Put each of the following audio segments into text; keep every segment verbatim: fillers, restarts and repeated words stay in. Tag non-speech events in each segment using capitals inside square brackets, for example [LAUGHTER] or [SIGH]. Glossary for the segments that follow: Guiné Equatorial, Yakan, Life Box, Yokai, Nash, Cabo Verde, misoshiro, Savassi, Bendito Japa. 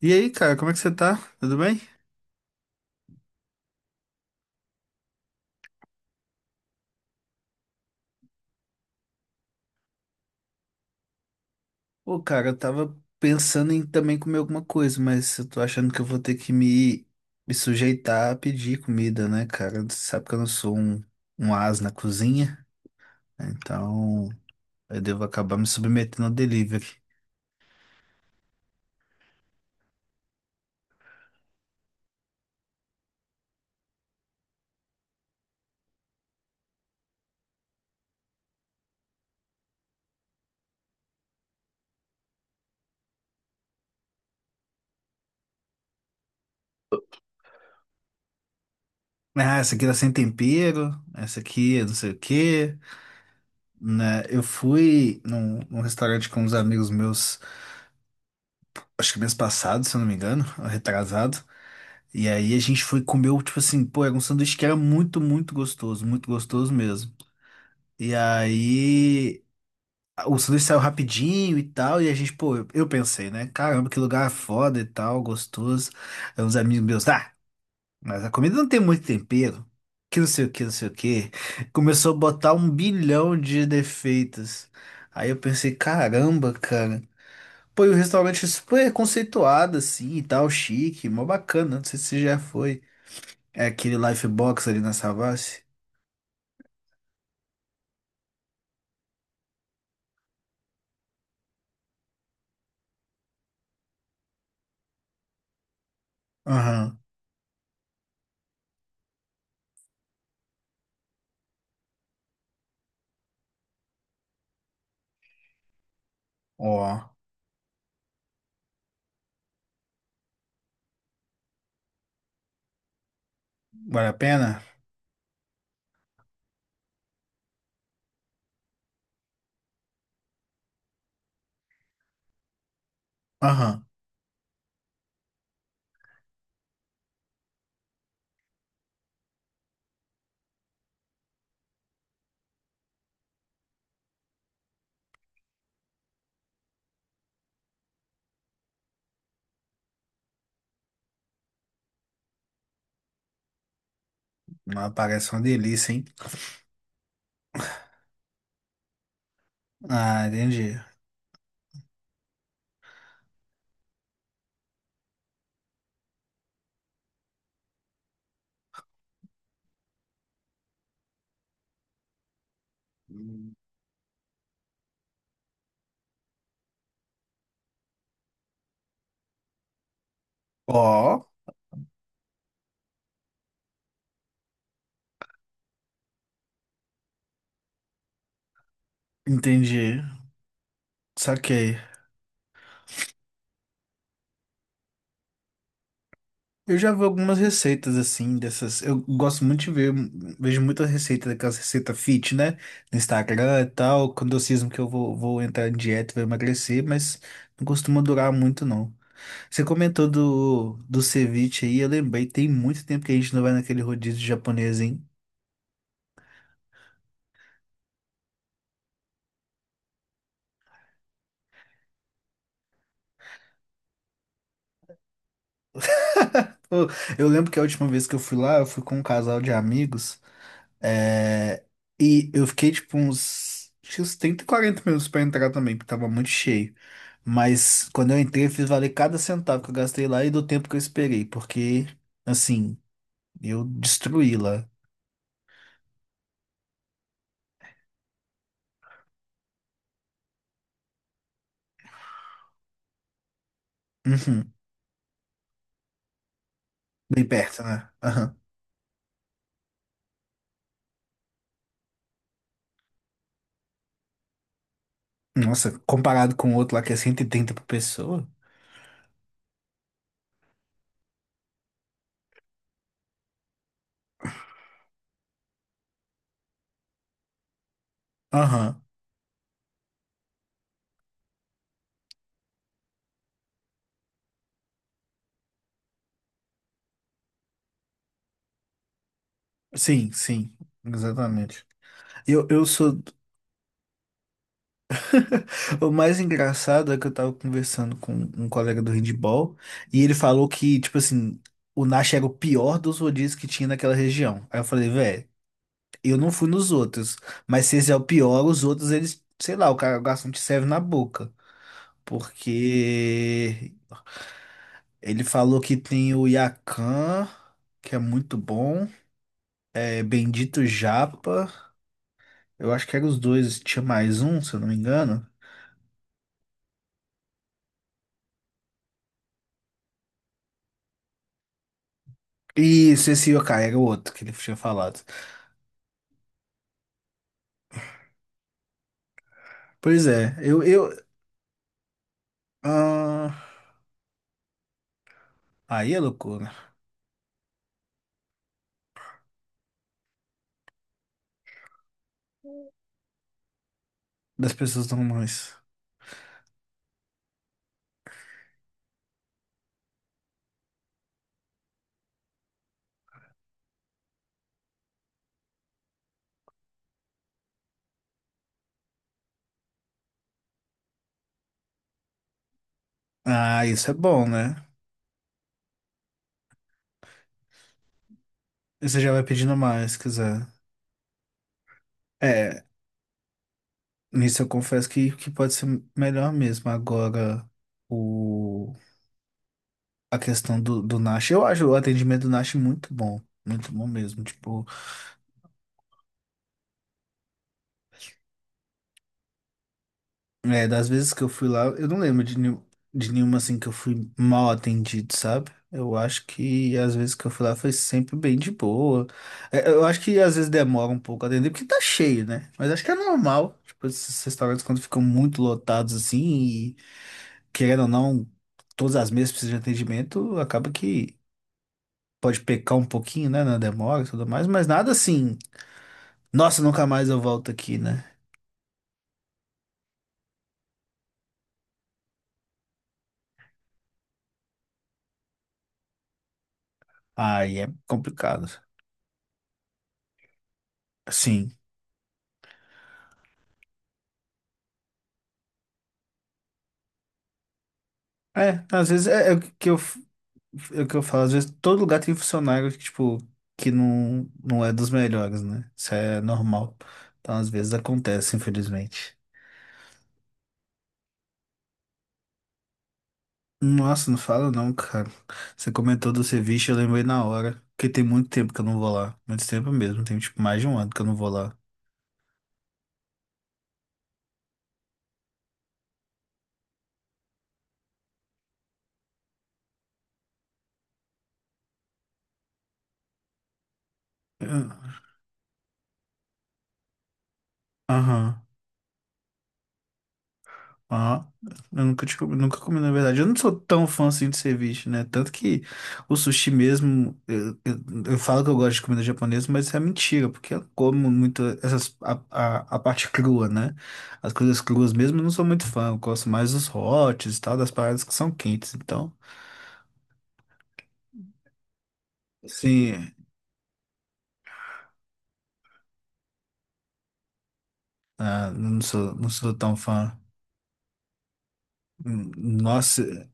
E aí, cara, como é que você tá? Tudo bem? Pô, cara, eu tava pensando em também comer alguma coisa, mas eu tô achando que eu vou ter que me, me sujeitar a pedir comida, né, cara? Você sabe que eu não sou um, um as na cozinha, então eu devo acabar me submetendo ao delivery. Ah, essa aqui tá sem tempero, essa aqui é não sei o quê, né? Eu fui num, num restaurante com uns amigos meus, acho que mês passado, se eu não me engano, ou retrasado. E aí a gente foi comer, tipo assim, pô, era um sanduíche que era muito, muito gostoso, muito gostoso mesmo. E aí o sanduíche saiu rapidinho e tal, e a gente, pô, eu, eu pensei, né? Caramba, que lugar foda e tal, gostoso. Aí uns amigos meus, ah, mas a comida não tem muito tempero, que não sei o que, não sei o que. Começou a botar um bilhão de defeitos. Aí eu pensei, caramba, cara. Pô, e o restaurante super conceituado, assim, e tal, chique, mó bacana. Não sei se você já foi. É aquele Life Box ali na Savassi? Aham. Ó, vale a pena? Aham. Mas parece uma delícia, hein? Ah, entendi. Ó, entendi. Saquei. Eu já vi algumas receitas assim, dessas. Eu gosto muito de ver, vejo muitas receitas, daquelas receitas fit, né? No Instagram e tal. Quando eu cismo que eu vou, vou entrar em dieta, vou emagrecer, mas não costuma durar muito, não. Você comentou do, do ceviche aí, eu lembrei, tem muito tempo que a gente não vai naquele rodízio japonês, hein? Pô, eu lembro que a última vez que eu fui lá, eu fui com um casal de amigos, é, e eu fiquei tipo uns, tinha uns trinta, quarenta minutos pra entrar também, porque tava muito cheio. Mas quando eu entrei, eu fiz valer cada centavo que eu gastei lá e do tempo que eu esperei, porque, assim, eu destruí lá. Uhum. Bem perto, né? Aham. Nossa, comparado com o outro lá que é cento e trinta por pessoa? Aham. Sim, sim, exatamente. Eu, eu sou. [LAUGHS] O mais engraçado é que eu tava conversando com um colega do handball e ele falou que, tipo assim, o Nash era o pior dos rodízios que tinha naquela região. Aí eu falei, velho, eu não fui nos outros, mas se esse é o pior, os outros, eles, sei lá, o cara gasta um te serve na boca. Porque ele falou que tem o Yakan, que é muito bom, é Bendito Japa, eu acho que eram os dois, tinha mais um, se eu não me engano. E esse Yokai era o outro que ele tinha falado. Pois é, eu, eu, ah, aí é loucura das pessoas normais. Ah, isso é bom, né? Você já vai pedindo mais, se quiser. É, nisso eu confesso que, que pode ser melhor mesmo. Agora, o, a questão do, do Nash, eu acho o atendimento do Nash muito bom, muito bom mesmo. Tipo, é, das vezes que eu fui lá, eu não lembro de, nenhum- de nenhuma assim que eu fui mal atendido, sabe? Eu acho que as vezes que eu fui lá foi sempre bem de boa. É, eu acho que às vezes demora um pouco a atender, porque tá cheio, né? Mas acho que é normal. Tipo, esses restaurantes quando ficam muito lotados assim, e querendo ou não, todas as mesas precisam de atendimento, acaba que pode pecar um pouquinho, né, na demora e tudo mais, mas nada assim, nossa, nunca mais eu volto aqui, né? Aí é complicado. Sim. É, às vezes é, é o que eu. É o que eu falo, às vezes todo lugar tem funcionário que, tipo, que não, não é dos melhores, né? Isso é normal. Então, às vezes acontece, infelizmente. Nossa, não fala não, cara. Você comentou do ceviche, eu lembrei na hora. Porque tem muito tempo que eu não vou lá. Muito tempo mesmo, tem tipo mais de um ano que eu não vou lá. Ah, aham. Ah, eu nunca, te comi- nunca comi, na verdade. Eu não sou tão fã assim de ceviche, né? Tanto que o sushi mesmo, eu, eu, eu falo que eu gosto de comida japonesa, mas isso é mentira, porque eu como muito essas, a, a, a parte [LAUGHS] crua, né? As coisas cruas mesmo eu não sou muito fã. Eu gosto mais dos hots e tal, das paradas que são quentes. Então, sim, ah, não sou, não sou tão fã. Hum, Nossa.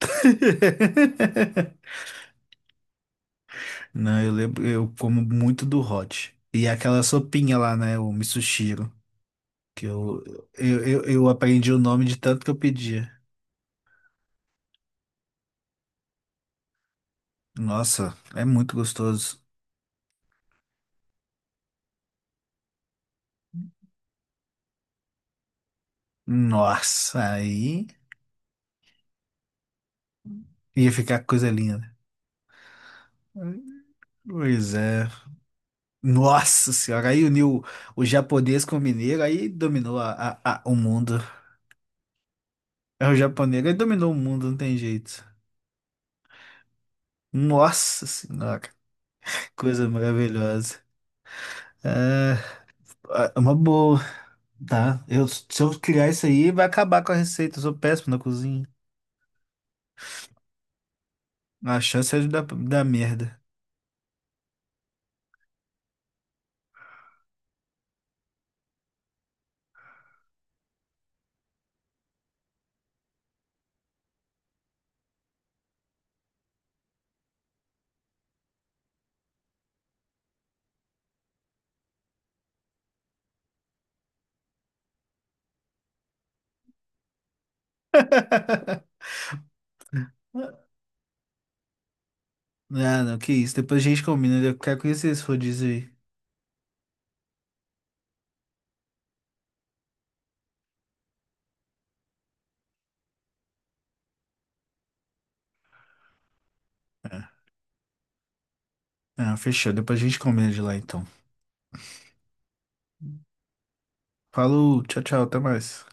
[LAUGHS] Não, eu lembro, eu como muito do hot. E aquela sopinha lá, né? O misoshiro. Que eu, eu, eu, eu aprendi o nome de tanto que eu pedia. Nossa, é muito gostoso. Nossa, aí ia ficar coisa linda. Pois é. Nossa senhora, aí uniu o japonês com o mineiro, aí dominou a, a- a- o mundo. É o japonês, aí dominou o mundo, não tem jeito. Nossa senhora, que coisa maravilhosa. É, é uma boa, tá? Eu, se eu criar isso aí, vai acabar com a receita. Eu sou péssimo na cozinha. A chance é de dar, dar merda. [LAUGHS] Não, não, que isso. Depois a gente combina. Eu quero conhecer esse rodízio aí. É. Ah, fechou. Depois a gente combina de lá, então. Falou, tchau, tchau, até mais.